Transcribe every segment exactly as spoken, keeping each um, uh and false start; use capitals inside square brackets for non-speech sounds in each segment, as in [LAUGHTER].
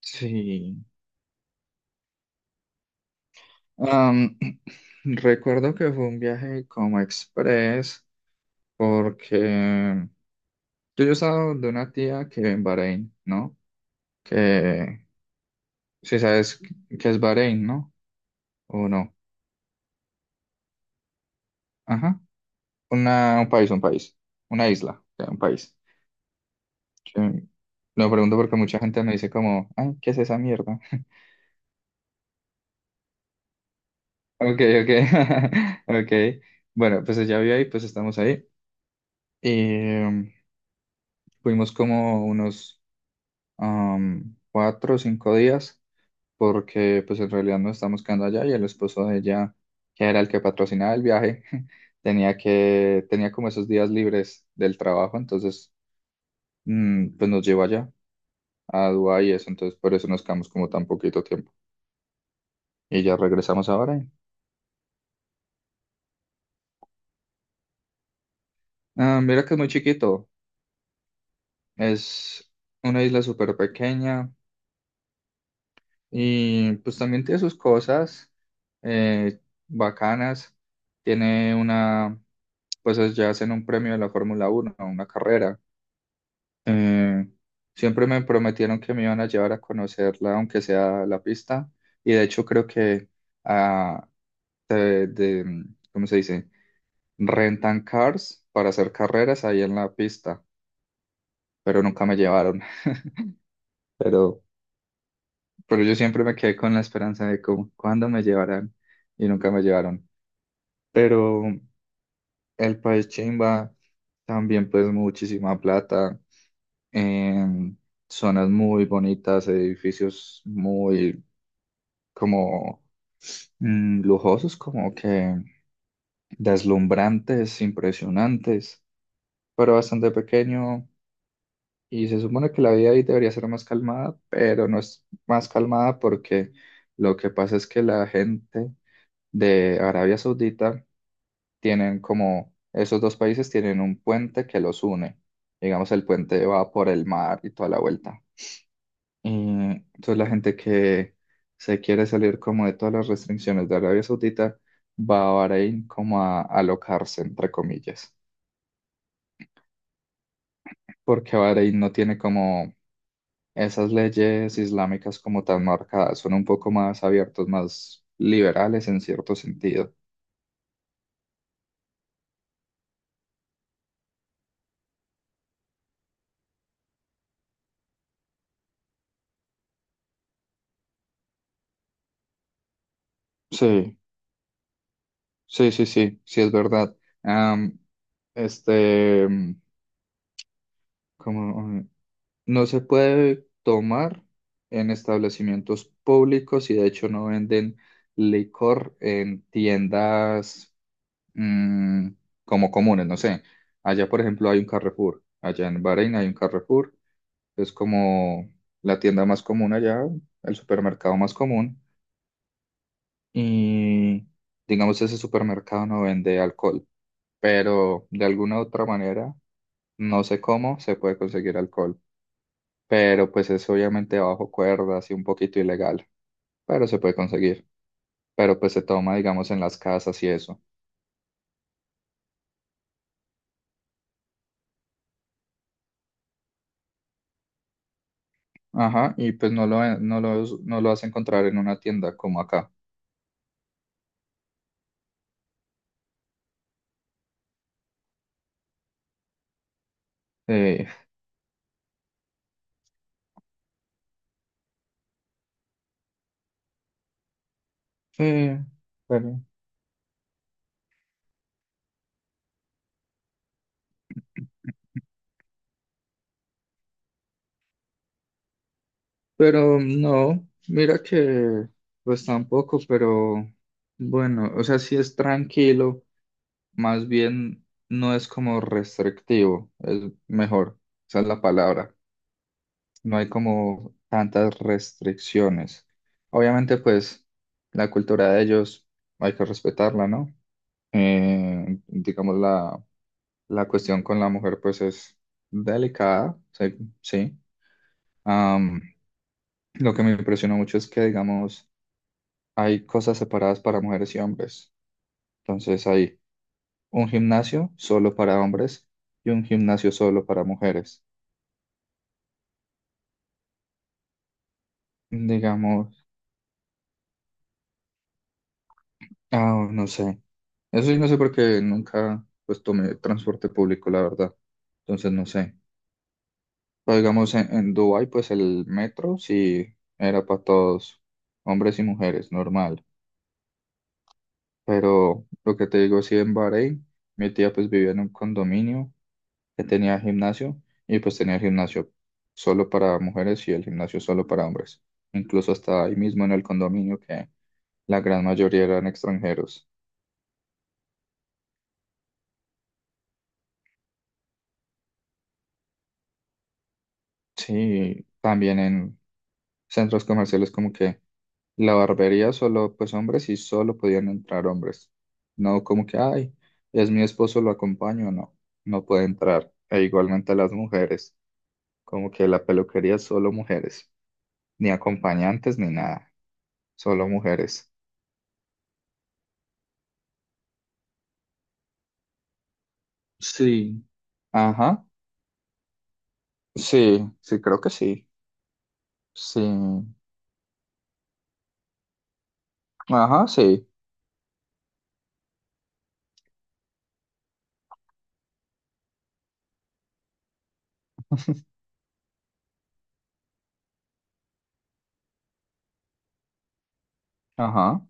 Sí. Am, [CLEARS THROAT] recuerdo que fue un viaje como express porque yo, yo estaba de una tía que en Bahrein, ¿no? Que si sabes que es Bahrein, ¿no? ¿O no? Ajá. Una, un país, un país. Una isla, o sea, un país. Que- lo pregunto porque mucha gente me dice como, ay, ¿qué es esa mierda? [LAUGHS] Ok, ok. [LAUGHS] Ok. Bueno, pues ya vi ahí, pues estamos ahí. Y mm, fuimos como unos am, cuatro o cinco días, porque pues en realidad no estamos quedando allá y el esposo de ella, que era el que patrocinaba el viaje, [LAUGHS] tenía que, tenía como esos días libres del trabajo, entonces mm, pues nos llevó allá a Dubái y eso, entonces por eso nos quedamos como tan poquito tiempo. Y ya regresamos ahora. y- Ah, mira que es muy chiquito, es una isla súper pequeña y pues también tiene sus cosas eh, bacanas, tiene una... pues es- ya hacen un premio de la Fórmula uno, una carrera. Eh, siempre me prometieron que me iban a llevar a conocerla, aunque sea la pista, y de hecho creo que ah, de, de- ¿cómo se dice? Rentan cars para hacer carreras ahí en la pista, pero nunca me llevaron. [LAUGHS] Pero, pero yo siempre me quedé con la esperanza de cómo, cuándo me llevarán y nunca me llevaron. Pero el país chimba, también pues muchísima plata. En zonas muy bonitas, edificios muy como mm, lujosos, como que deslumbrantes, impresionantes, pero bastante pequeño. Y se supone que la vida ahí debería ser más calmada, pero no es más calmada porque lo que pasa es que la gente de Arabia Saudita tienen como, esos dos países tienen un puente que los une. Digamos, el puente va por el mar y toda la vuelta. Y entonces la gente que se quiere salir como de todas las restricciones de Arabia Saudita va a Bahrein como a alocarse, entre comillas, porque Bahrein no tiene como esas leyes islámicas como tan marcadas, son un poco más abiertos, más liberales en cierto sentido. Sí, sí, sí, sí, sí es verdad. Am, este, como, No se puede tomar en establecimientos públicos y de hecho no venden licor en tiendas mm, como comunes, no sé. Allá, por ejemplo, hay un Carrefour. Allá en Bahrein hay un Carrefour. Es como la tienda más común allá, el supermercado más común. Y digamos, ese supermercado no vende alcohol, pero de alguna otra manera, no sé cómo, se puede conseguir alcohol. Pero pues es obviamente bajo cuerdas y un poquito ilegal, pero se puede conseguir. Pero pues se toma, digamos, en las casas y eso. Ajá, y pues no lo, eh, no lo, no lo vas a encontrar en una tienda como acá. Eh, eh, pero, pero no, mira que pues tampoco, pero bueno, o sea, sí es tranquilo, más bien no es como restrictivo, es mejor, esa es la palabra. No hay como tantas restricciones. Obviamente, pues la cultura de ellos hay que respetarla, ¿no? Eh, digamos, la, la cuestión con la mujer, pues es delicada, sí. Sí. Am, lo que me impresionó mucho es que, digamos, hay cosas separadas para mujeres y hombres. Entonces, hay un gimnasio solo para hombres y un gimnasio solo para mujeres. Digamos, ah, no sé. Eso sí, no sé por qué nunca pues tomé transporte público, la verdad. Entonces, no sé. Pero digamos, en, en Dubái, pues el metro sí era para todos, hombres y mujeres, normal. Pero lo que te digo, sí, en Bahrein, mi tía pues vivía en un condominio que tenía gimnasio y pues tenía el gimnasio solo para mujeres y el gimnasio solo para hombres. Incluso hasta ahí mismo en el condominio que la gran mayoría eran extranjeros. Sí, también en centros comerciales como que la barbería solo, pues hombres y solo podían entrar hombres. No como que, ay, es mi esposo, lo acompaño, no, no puede entrar. E igualmente las mujeres, como que la peluquería solo mujeres, ni acompañantes ni nada, solo mujeres. Sí. Ajá, sí, sí, creo que sí. Sí, ajá, sí, ajá,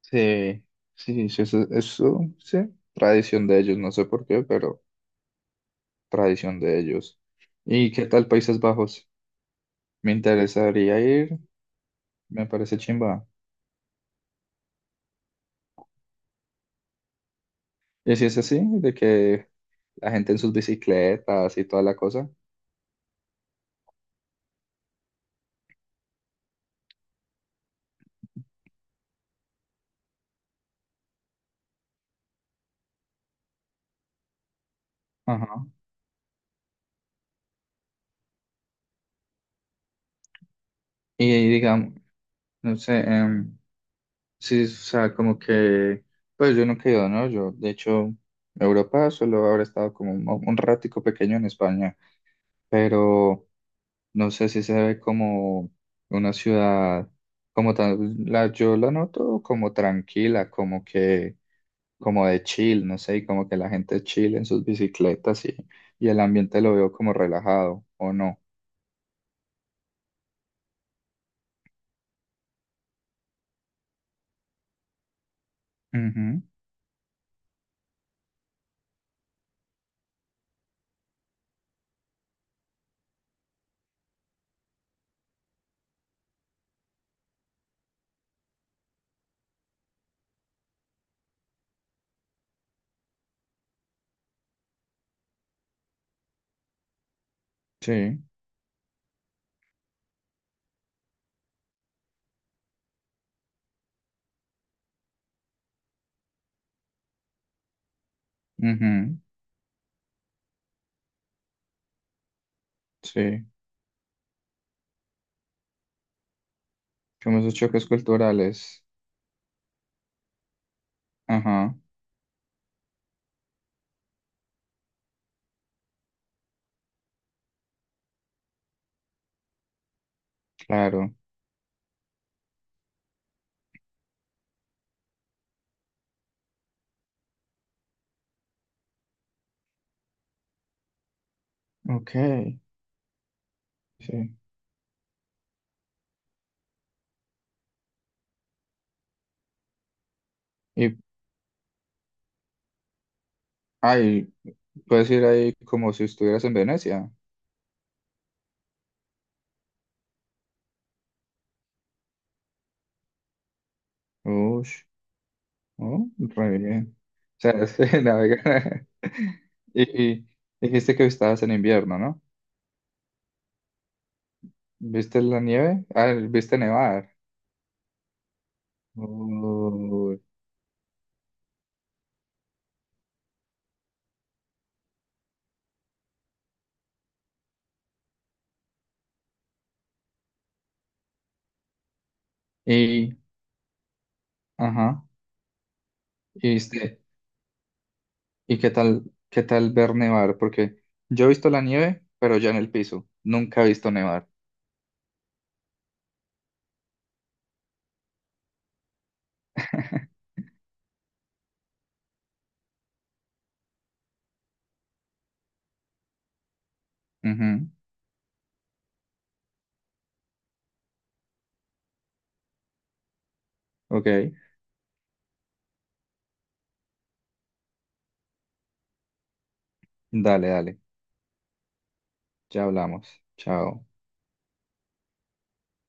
sí, sí, sí, eso, eso, sí, tradición de ellos, no sé por qué, pero tradición de ellos. ¿Y qué tal Países Bajos? Me interesaría ir, me parece chimba. Y si es así, de que la gente en sus bicicletas y toda la cosa. Ajá. Y digamos, no sé, em, sí, o sea, como que, pues yo nunca he ido, ¿no? Yo, de hecho, a Europa solo habré estado como un, un ratico pequeño en España, pero no sé si se ve como una ciudad, como tal, la, yo la noto como tranquila, como que como de chill, no sé, y como que la gente chill en sus bicicletas y, y el ambiente lo veo como relajado, ¿o no? Ujú, sí, ujú, sí, como esos choques culturales, ajá, claro, ok, sí. Y, ay, puedes ir ahí como si estuvieras en Venecia. Ush, oh, re bien. O sea, [LAUGHS] se navega. [LAUGHS] Y, y dijiste que estabas en invierno, ¿no? ¿Viste la nieve? Ah, ¿viste nevar? Uy, y, ajá, y este, ¿y qué tal, qué tal ver nevar? Porque yo he visto la nieve, pero ya en el piso. Nunca he visto nevar. [LAUGHS] Ujú, ok, dale, dale. Ya hablamos. Chao.